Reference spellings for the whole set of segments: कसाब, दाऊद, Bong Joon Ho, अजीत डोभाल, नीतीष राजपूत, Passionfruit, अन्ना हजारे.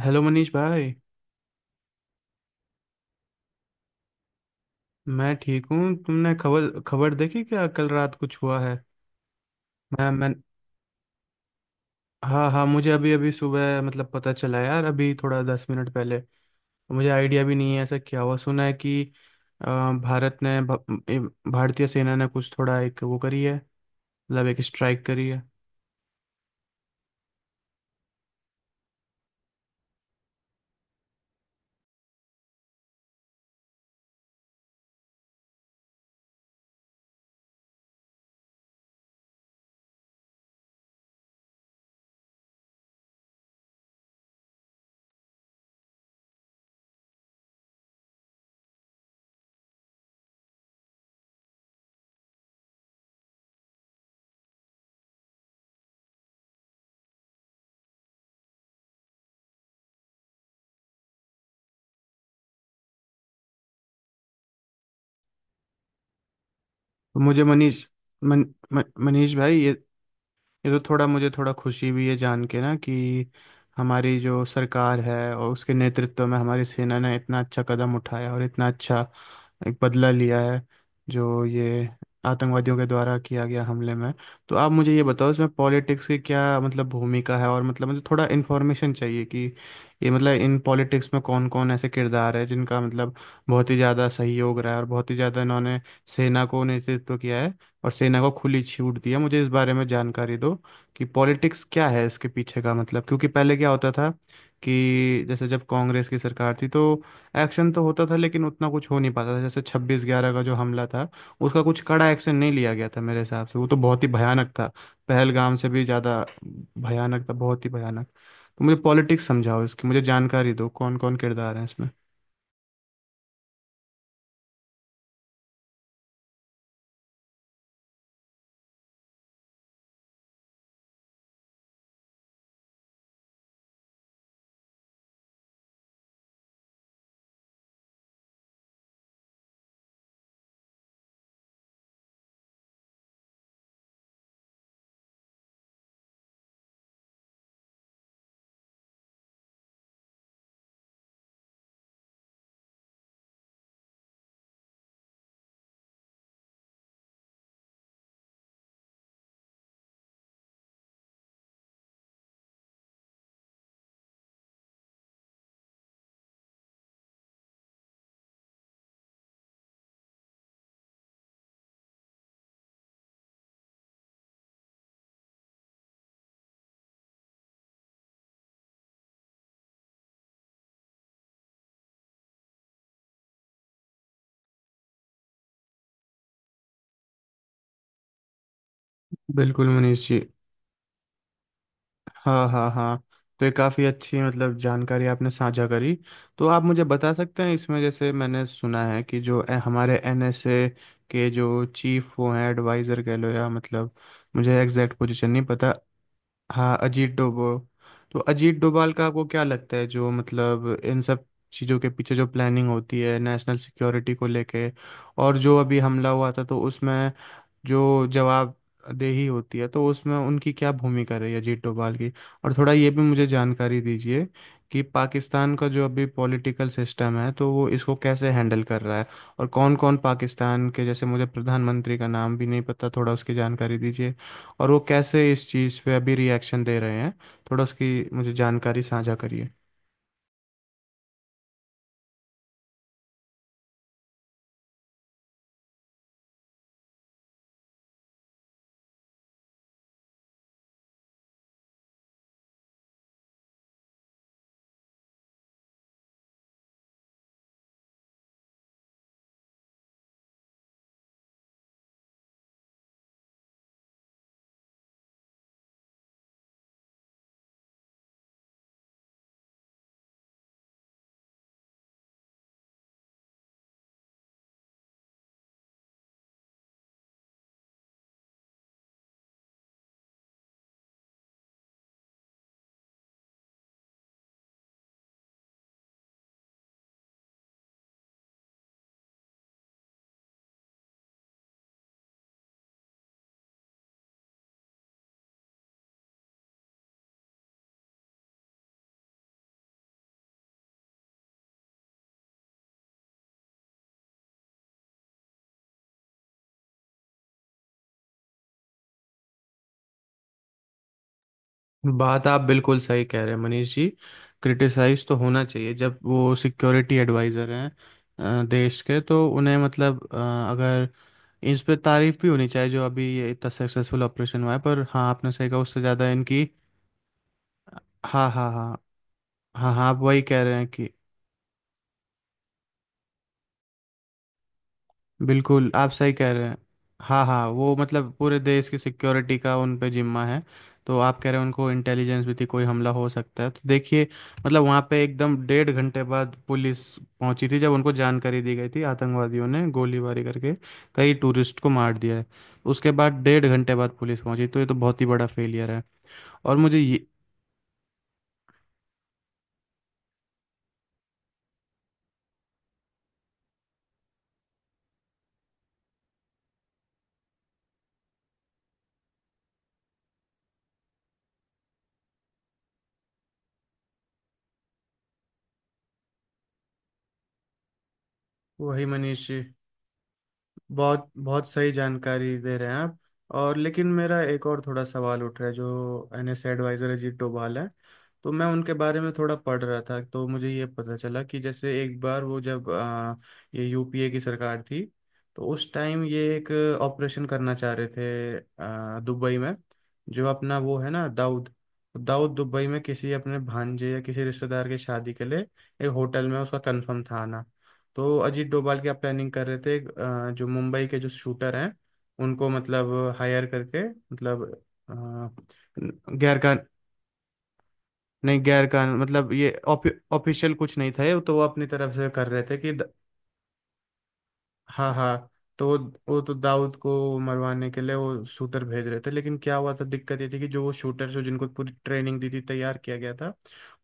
Hello Manish भाई। मैं ठीक हूँ। तुमने खबर खबर देखी क्या, कल रात कुछ हुआ है? मैं हाँ हाँ, मुझे अभी अभी सुबह मतलब पता चला यार, अभी थोड़ा 10 मिनट पहले। मुझे आइडिया भी नहीं है ऐसा क्या हुआ। सुना है कि अ, भारत ने भारतीय सेना ने कुछ थोड़ा एक वो करी है। मतलब एक स्ट्राइक करी है। तो मुझे मनीष मन, मन, मनीष भाई, ये तो थोड़ा मुझे थोड़ा खुशी भी है जान के ना कि हमारी जो सरकार है और उसके नेतृत्व में हमारी सेना ने इतना अच्छा कदम उठाया, और इतना अच्छा एक बदला लिया है, जो ये आतंकवादियों के द्वारा किया गया हमले में। तो आप मुझे ये बताओ, इसमें पॉलिटिक्स की क्या मतलब भूमिका है, और मतलब मुझे थोड़ा इन्फॉर्मेशन चाहिए कि ये मतलब इन पॉलिटिक्स में कौन कौन ऐसे किरदार है जिनका मतलब बहुत ही ज़्यादा सहयोग रहा है और बहुत ही ज़्यादा इन्होंने सेना को नेतृत्व किया है और सेना को खुली छूट दी है। मुझे इस बारे में जानकारी दो कि पॉलिटिक्स क्या है इसके पीछे का मतलब, क्योंकि पहले क्या होता था कि जैसे जब कांग्रेस की सरकार थी तो एक्शन तो होता था, लेकिन उतना कुछ हो नहीं पाता था। जैसे 26/11 का जो हमला था उसका कुछ कड़ा एक्शन नहीं लिया गया था मेरे हिसाब से, वो तो बहुत ही भयानक था, पहलगाम से भी ज़्यादा भयानक था, बहुत ही भयानक। तो मुझे पॉलिटिक्स समझाओ, इसकी मुझे जानकारी दो, कौन कौन किरदार हैं इसमें। बिल्कुल मनीष जी। हाँ हाँ हाँ, तो ये काफ़ी अच्छी मतलब जानकारी आपने साझा करी। तो आप मुझे बता सकते हैं, इसमें जैसे मैंने सुना है कि जो हमारे एनएसए के जो चीफ वो हैं, एडवाइज़र कह लो या मतलब, मुझे एग्जैक्ट पोजीशन नहीं पता। हाँ अजीत डोबो। तो अजीत डोभाल का आपको क्या लगता है, जो मतलब इन सब चीज़ों के पीछे जो प्लानिंग होती है नेशनल सिक्योरिटी को लेके, और जो अभी हमला हुआ था तो उसमें जो जवाबदेही होती है तो उसमें उनकी क्या भूमिका रही है अजीत डोभाल की? और थोड़ा ये भी मुझे जानकारी दीजिए कि पाकिस्तान का जो अभी पॉलिटिकल सिस्टम है तो वो इसको कैसे हैंडल कर रहा है, और कौन कौन पाकिस्तान के, जैसे मुझे प्रधानमंत्री का नाम भी नहीं पता, थोड़ा उसकी जानकारी दीजिए, और वो कैसे इस चीज़ पे अभी रिएक्शन दे रहे हैं। थोड़ा उसकी मुझे जानकारी साझा करिए। बात आप बिल्कुल सही कह रहे हैं मनीष जी। क्रिटिसाइज तो होना चाहिए, जब वो सिक्योरिटी एडवाइज़र हैं देश के, तो उन्हें मतलब अगर इस पे तारीफ भी होनी चाहिए जो अभी ये इतना सक्सेसफुल ऑपरेशन हुआ है, पर हाँ आपने सही कहा, उससे ज़्यादा इनकी। हाँ हाँ हाँ हाँ। हाँ, आप वही कह रहे हैं कि बिल्कुल आप सही कह रहे हैं। हाँ हाँ, वो मतलब पूरे देश की सिक्योरिटी का उन पे जिम्मा है। तो आप कह रहे हैं उनको इंटेलिजेंस भी थी, कोई हमला हो सकता है, तो देखिए मतलब वहाँ पे एकदम डेढ़ घंटे बाद पुलिस पहुंची थी, जब उनको जानकारी दी गई थी आतंकवादियों ने गोलीबारी करके कई टूरिस्ट को मार दिया है। उसके बाद डेढ़ घंटे बाद पुलिस पहुंची, तो ये तो बहुत ही बड़ा फेलियर है। और मुझे ये वही मनीष जी, बहुत बहुत सही जानकारी दे रहे हैं आप। और लेकिन मेरा एक और थोड़ा सवाल उठ रहा है, जो एनएस एडवाइजर अजीत डोभाल है तो मैं उनके बारे में थोड़ा पढ़ रहा था, तो मुझे ये पता चला कि जैसे एक बार वो जब ये यूपीए की सरकार थी तो उस टाइम ये एक ऑपरेशन करना चाह रहे थे दुबई में, जो अपना वो है ना, दाऊद। तो दाऊद दुबई में किसी अपने भांजे या किसी रिश्तेदार की शादी के लिए एक होटल में उसका कंफर्म था आना। तो अजीत डोभाल की आप प्लानिंग कर रहे थे जो मुंबई के जो शूटर हैं उनको मतलब हायर करके मतलब, गैर कान, नहीं गैर कान मतलब ये ऑफिशियल कुछ नहीं था, ये तो वो अपनी तरफ से कर रहे थे कि हाँ हाँ। तो वो तो दाऊद को मरवाने के लिए वो शूटर भेज रहे थे, लेकिन क्या हुआ था, दिक्कत ये थी कि जो वो शूटर, जो जिनको पूरी ट्रेनिंग दी थी तैयार किया गया था,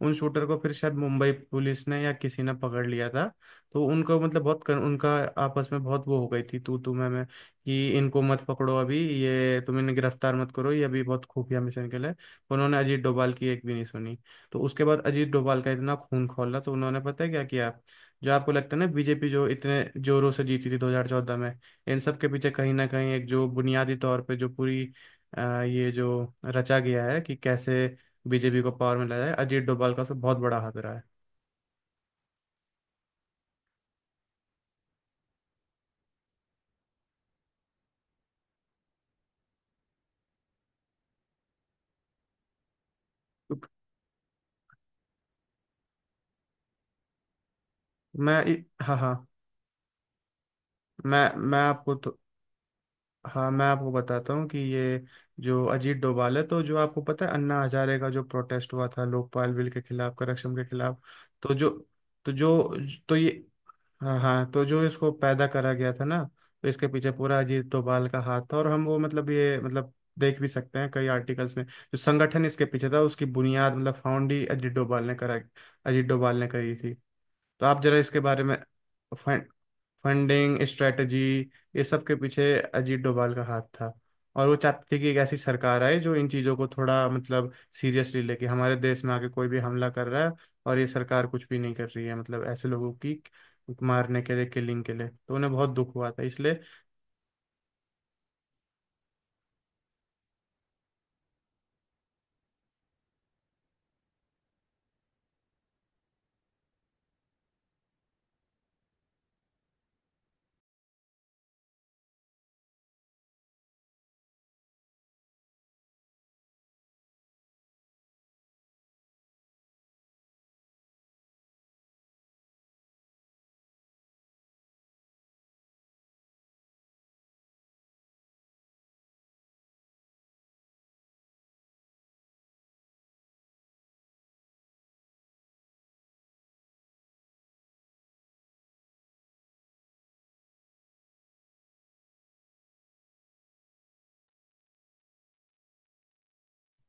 उन शूटर को फिर शायद मुंबई पुलिस ने या किसी ने पकड़ लिया था। तो उनको मतलब उनका आपस में बहुत वो हो गई थी तू तू मैं, कि इनको मत पकड़ो अभी, ये तुम इन्हें गिरफ्तार मत करो, ये अभी बहुत खुफिया मिशन के लिए। उन्होंने अजीत डोभाल की एक भी नहीं सुनी। तो उसके बाद अजीत डोभाल का इतना खून खौला, तो उन्होंने, पता है क्या किया, जो आपको लगता है ना बीजेपी जो इतने जोरों से जीती थी 2014 में, इन सब के पीछे कहीं ना कहीं एक जो बुनियादी तौर पे जो पूरी ये जो रचा गया है कि कैसे बीजेपी को पावर में लाया जाए, अजीत डोभाल का उसमें बहुत बड़ा हाथ रहा है। तो हाँ हाँ, मैं आपको तो हाँ, मैं आपको बताता हूँ कि ये जो अजीत डोभाल है, तो जो आपको पता है अन्ना हजारे का जो प्रोटेस्ट हुआ था लोकपाल बिल के खिलाफ करप्शन के खिलाफ, तो जो तो जो तो ये हाँ हाँ, तो जो इसको पैदा करा गया था ना, तो इसके पीछे पूरा अजीत डोभाल का हाथ था। और हम वो मतलब ये मतलब देख भी सकते हैं कई आर्टिकल्स में, जो संगठन इसके पीछे था उसकी बुनियाद मतलब फाउंड ही अजीत डोभाल ने करा, अजीत डोभाल ने करी थी। तो आप जरा इसके बारे में, फंडिंग स्ट्रेटजी, ये सब के पीछे अजीत डोभाल का हाथ था। और वो चाहते थे कि एक ऐसी सरकार आए जो इन चीज़ों को थोड़ा मतलब सीरियसली लेके, हमारे देश में आके कोई भी हमला कर रहा है और ये सरकार कुछ भी नहीं कर रही है, मतलब ऐसे लोगों की मारने के लिए, किलिंग के लिए, तो उन्हें बहुत दुख हुआ था इसलिए।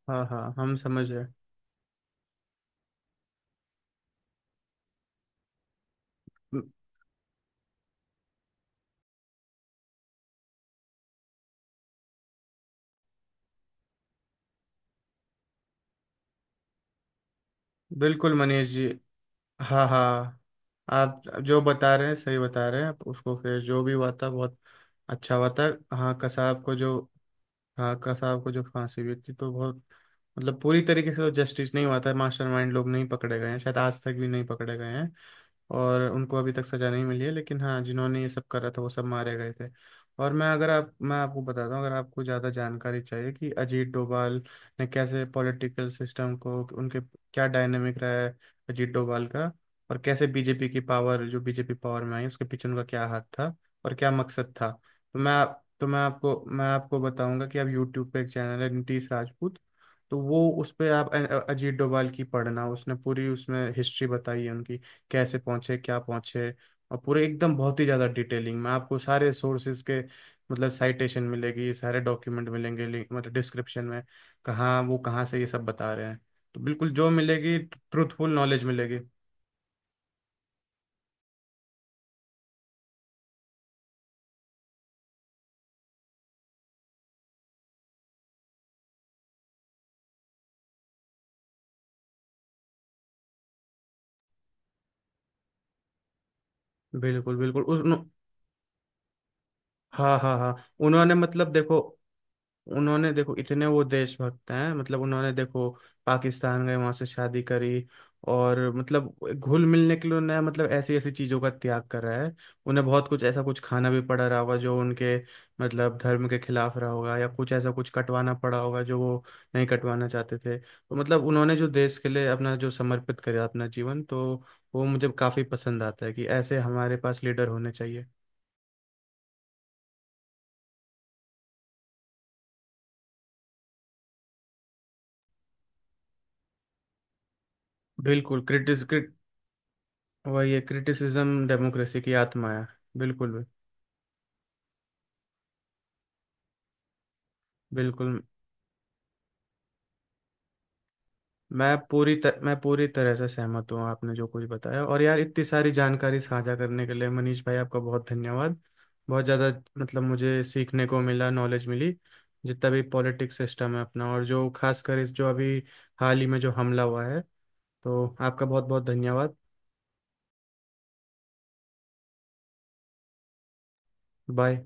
हाँ हाँ हम समझ रहे। बिल्कुल मनीष जी। हाँ हाँ, आप जो बता रहे हैं सही बता रहे हैं आप, उसको फिर जो भी हुआ था बहुत अच्छा हुआ था। हाँ कसाब को जो हाँ कसाब को जो फांसी हुई थी तो बहुत मतलब पूरी तरीके से तो जस्टिस नहीं हुआ था, मास्टरमाइंड लोग नहीं पकड़े गए हैं, शायद आज तक भी नहीं पकड़े गए हैं और उनको अभी तक सजा नहीं मिली है, लेकिन हाँ जिन्होंने ये सब करा था वो सब मारे गए थे। और मैं, अगर आप, मैं आपको बताता हूँ अगर आपको ज़्यादा जानकारी चाहिए कि अजीत डोभाल ने कैसे पॉलिटिकल सिस्टम को, उनके क्या डायनेमिक रहा है अजीत डोभाल का, और कैसे बीजेपी की पावर जो बीजेपी पावर में आई उसके पीछे उनका क्या हाथ था और क्या मकसद था। तो मैं आप मैं आपको बताऊंगा कि आप यूट्यूब पे, एक चैनल है नीतीश राजपूत, तो वो उस पे आप अजीत डोभाल की पढ़ना, उसने पूरी उसमें हिस्ट्री बताई है उनकी, कैसे पहुंचे क्या पहुंचे, और पूरे एकदम बहुत ही ज़्यादा डिटेलिंग में आपको सारे सोर्सेज के मतलब साइटेशन मिलेगी, सारे डॉक्यूमेंट मिलेंगे, मतलब डिस्क्रिप्शन में कहाँ वो कहाँ से ये सब बता रहे हैं। तो बिल्कुल जो मिलेगी ट्रूथफुल नॉलेज मिलेगी। बिल्कुल बिल्कुल, हाँ हाँ हाँ। उन्होंने मतलब देखो उन्होंने देखो इतने वो देशभक्त हैं, मतलब उन्होंने देखो पाकिस्तान गए, वहां से शादी करी, और मतलब घुल मिलने के लिए उन्हें मतलब ऐसी ऐसी चीजों का त्याग कर रहा है। उन्हें बहुत कुछ ऐसा कुछ खाना भी पड़ा रहा होगा जो उनके मतलब धर्म के खिलाफ रहा होगा, या कुछ ऐसा कुछ कटवाना पड़ा होगा जो वो नहीं कटवाना चाहते थे। तो मतलब उन्होंने जो देश के लिए अपना जो समर्पित करा अपना जीवन, तो वो मुझे काफी पसंद आता है कि ऐसे हमारे पास लीडर होने चाहिए। बिल्कुल क्रिटिस वही है, क्रिटिसिज्म डेमोक्रेसी की आत्मा है। बिल्कुल भी बिल्कुल। मैं पूरी तरह से सहमत हूँ, आपने जो कुछ बताया। और यार, इतनी सारी जानकारी साझा करने के लिए मनीष भाई आपका बहुत धन्यवाद, बहुत ज़्यादा। मतलब मुझे सीखने को मिला, नॉलेज मिली, जितना भी पॉलिटिक्स सिस्टम है अपना, और जो खासकर इस जो अभी हाल ही में जो हमला हुआ है, तो आपका बहुत बहुत धन्यवाद। बाय।